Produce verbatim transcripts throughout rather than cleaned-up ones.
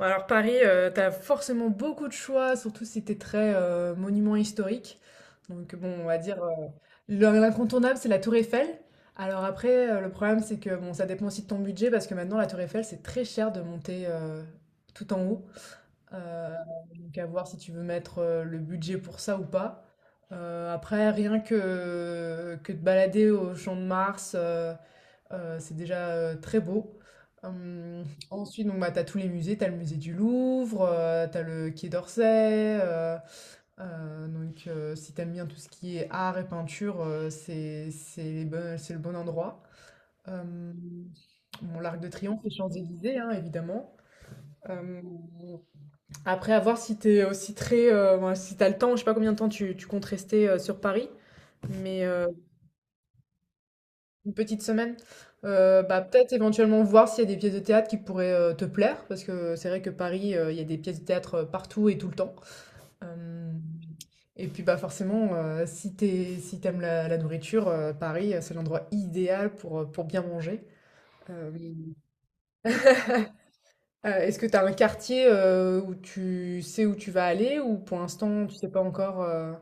Ouais, alors Paris, euh, t'as forcément beaucoup de choix, surtout si t'es très euh, monument historique. Donc bon, on va dire euh, l'un- l'incontournable, c'est la Tour Eiffel. Alors après, euh, le problème, c'est que bon, ça dépend aussi de ton budget parce que maintenant la Tour Eiffel, c'est très cher de monter euh, tout en haut. Euh, donc à voir si tu veux mettre euh, le budget pour ça ou pas. Euh, après, rien que que te balader au Champ de Mars. Euh, euh, c'est déjà euh, très beau. Hum, Ensuite, donc, bah, tu as tous les musées, tu as le musée du Louvre, tu as le Quai d'Orsay. Euh, euh, donc, euh, si t'aimes bien tout ce qui est art et peinture, euh, c'est c'est les bon- c'est le bon endroit. Euh, bon, l'Arc de Triomphe, les Champs-Élysées, hein, évidemment. Euh, Après, à voir si t'es aussi très, euh, ouais, si t'as le temps, je sais pas combien de temps tu, tu comptes rester euh, sur Paris, mais euh, une petite semaine? Heu, bah, peut-être éventuellement voir s'il y a des pièces de théâtre qui pourraient, heu, te plaire parce que c'est vrai que Paris, heu, il y a des pièces de théâtre, heu, partout et tout le temps. Hem Et puis, bah, forcément, heu, si t'es, si t'aimes la la nourriture, heu, Paris, heu, c'est l'endroit idéal pour, heu, pour bien manger. Hem, heu, Est-ce que t'as un quartier, heu, où tu sais où tu vas aller ou pour l'instant tu sais pas encore, heu?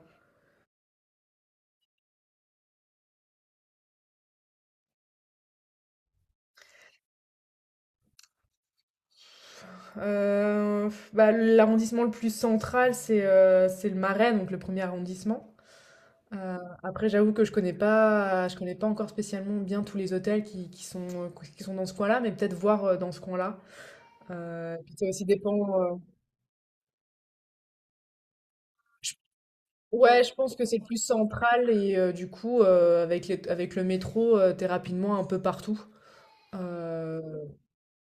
Heu, Bah, l'arrondissement le plus central, c'est, heu, c'est le Marais, donc le premier arrondissement. Euh, Après, j'avoue que je connais pas, je connais pas encore spécialement bien tous les hôtels qui, qui sont, euh, qui sont dans ce coin-là, mais peut-être voir euh, dans ce coin-là. Euh, puis ça aussi dépend. euh, je- ouais, je pense que c'est plus central et euh, du coup, euh, avec les- avec le métro, euh, t'es rapidement un peu partout. Euh,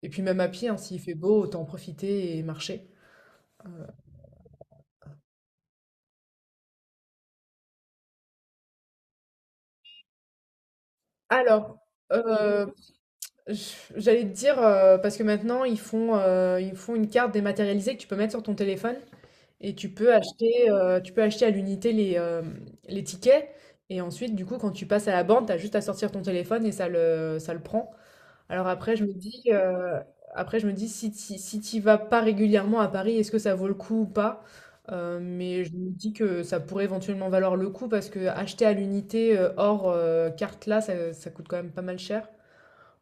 et puis même à pied, hein, s'il fait beau, autant en profiter et marcher. Alors, euh, j- j'allais te dire, euh, parce que maintenant, ils font, euh, ils font une carte dématérialisée que tu peux mettre sur ton téléphone. Et tu peux acheter, heu, tu peux acheter à l'unité les, hem, les tickets et ensuite, du coup, quand tu passes à la borne, tu as juste à sortir ton téléphone et ça le ça le prend. Alors après, je me dis, heu, Après je me dis si tu si t'y vas pas régulièrement à Paris, est-ce que ça vaut le coup ou pas? Heu, mais je me dis que ça pourrait éventuellement valoir le coup parce que acheter à l'unité, heu, hors, heu, carte là, ça ça coûte quand même pas mal cher.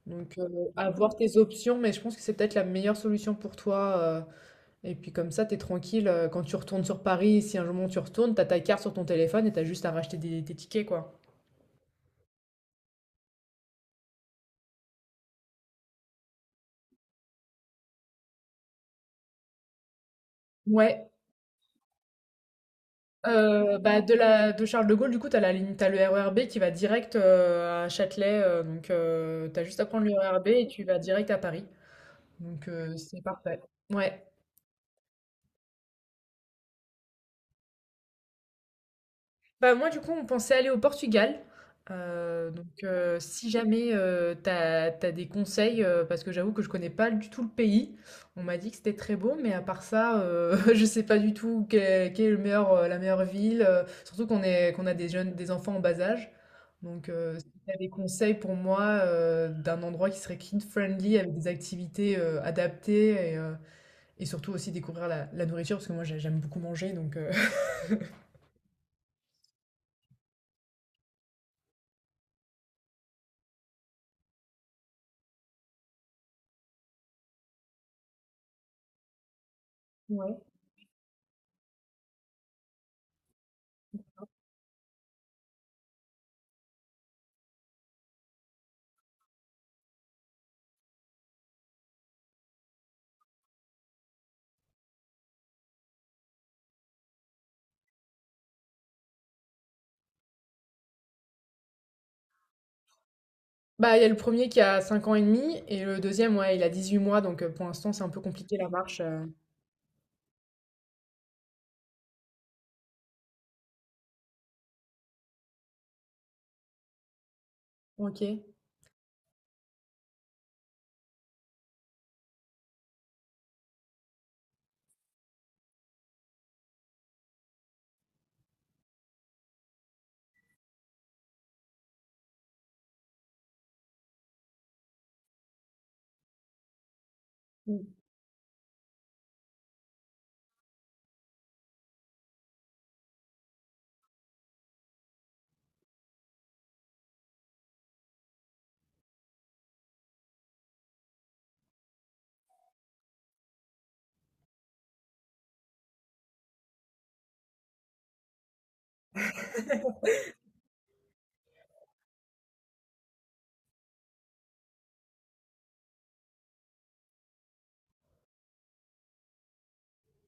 Donc, avoir tes options, mais je pense que c'est peut-être la meilleure solution pour toi, heu et puis comme ça, t'es tranquille, heu, quand tu retournes sur Paris, si un jour tu retournes, t'as ta carte sur ton téléphone et t'as juste à racheter des tes tickets, quoi. Ouais, heu, bah, de la de Charles de Gaulle, du coup, t'as la ligne tu as le R E R B qui va direct, heu, à Châtelet, heu, donc heu, tu juste à prendre le R E R B et tu vas direct à Paris, donc heu, c'est parfait. Ouais. Bah, moi, du coup, on pensait aller au Portugal. Euh, donc, euh, si jamais euh, t'as, t'as des conseils, euh, parce que j'avoue que je connais pas du tout le pays, on m'a dit que c'était très beau, mais à part ça, euh, je sais pas du tout quelle est le meilleur, euh, la meilleure ville, euh, surtout qu'on est, qu'on a des jeunes, des enfants en bas âge. Donc, euh, si t'as des conseils pour moi euh, d'un endroit qui serait kid-friendly, avec des activités euh, adaptées et, euh, et surtout aussi découvrir la, la nourriture, parce que moi, j'ai- j'aime beaucoup manger, donc… euh, Bah, il y a le premier qui a cinq ans et demi et le deuxième ouais, il a dix huit mois, donc heu, pour l'instant, c'est un peu compliqué la marche, heu OK.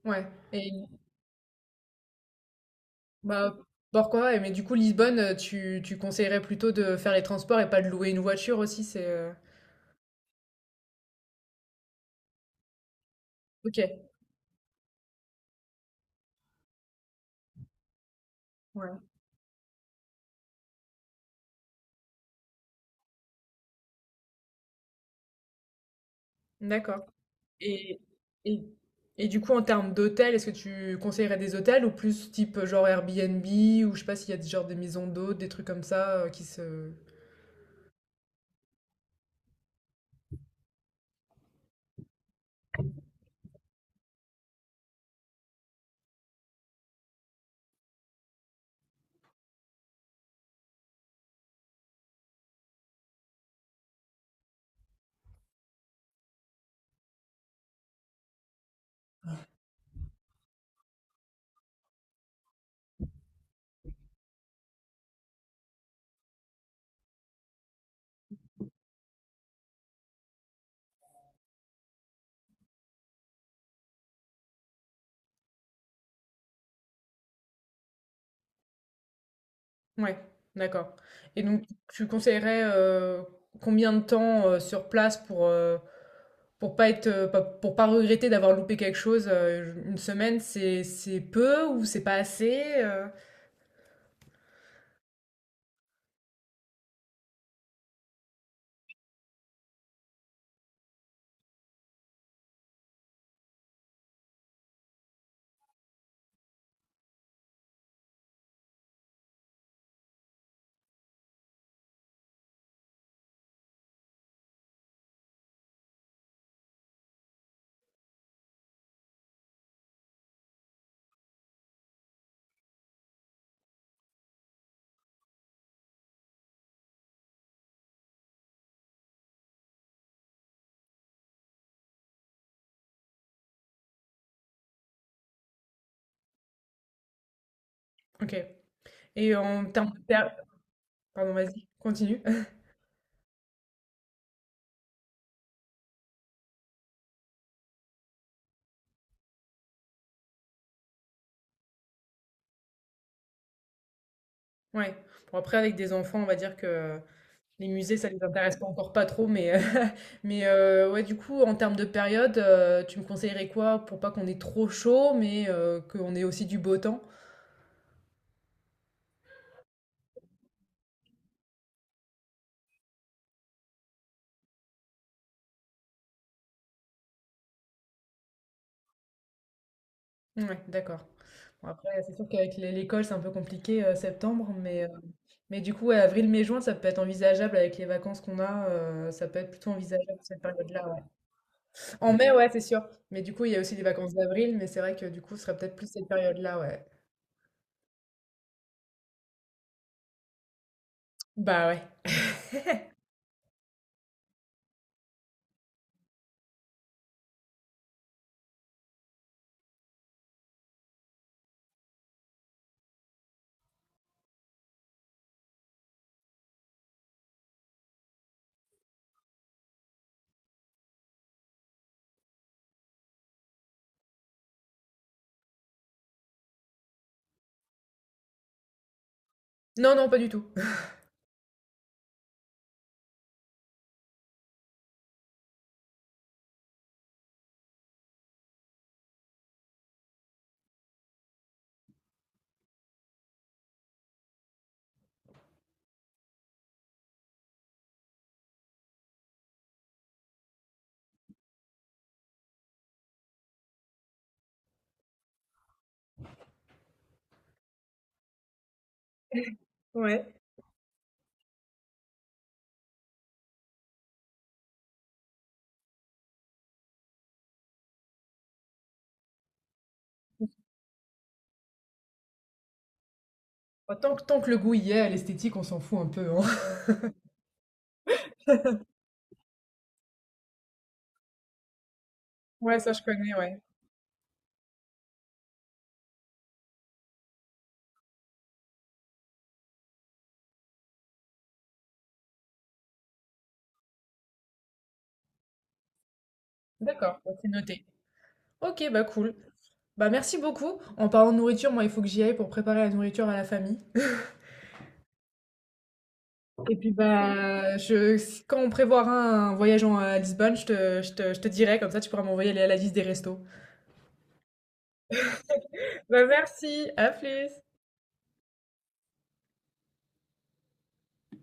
Ouais et bah, pourquoi? Et mais du coup, Lisbonne, heu, tu tu conseillerais plutôt de faire les transports et pas de louer une voiture aussi? C'est, heu OK, ouais, d'accord. et et et du coup, en termes d'hôtels, est-ce que tu conseillerais des hôtels ou plus type, euh, genre, Airbnb ou je sais pas s'il y a des genre des maisons d'hôtes, des trucs comme ça, heu, qui se ouais, d'accord. Et donc, tu conseillerais euh, combien de temps euh, sur place pour, euh, pour pas être, euh, pas- pour pas regretter d'avoir loupé quelque chose? Euh, une semaine, c'est, c'est peu ou c'est pas assez? euh Ok. Et en termes de… per- Pardon, vas-y, continue. Ouais. Bon, après, avec des enfants, on va dire que les musées, ça les intéresse pas encore pas trop, mais, mais euh, ouais, du coup, en termes de période, euh, tu me conseillerais quoi pour pas qu'on ait trop chaud, mais euh, qu'on ait aussi du beau temps? Ouais, d'accord. Bon, après, c'est sûr qu'avec l'é l'école, c'est un peu compliqué, euh, septembre, mais, euh, mais du coup, ouais, avril, mai, juin, ça peut être envisageable avec les vacances qu'on a, euh, ça peut être plutôt envisageable cette période-là, ouais. En mai, ouais, c'est sûr. Mais du coup, il y a aussi les vacances d'avril, mais c'est vrai que du coup, ce serait peut-être plus cette période-là, ouais. Bah ouais. Non, non, pas du tout. Ouais. Bah, tant que, tant que le goût y est, l'esthétique, on s'en fout un peu, hein. Ouais, ça je connais, ouais. D'accord, bah, c'est noté. Ok, bah cool. Bah merci beaucoup. En parlant de nourriture, moi, il faut que j'y aille pour préparer la nourriture à la famille. Et puis bah, je, si- quand on prévoira un voyage en- à Lisbonne, je te, je te, je te dirai, comme ça tu pourras m'envoyer la la liste des restos. Bah, merci, à plus!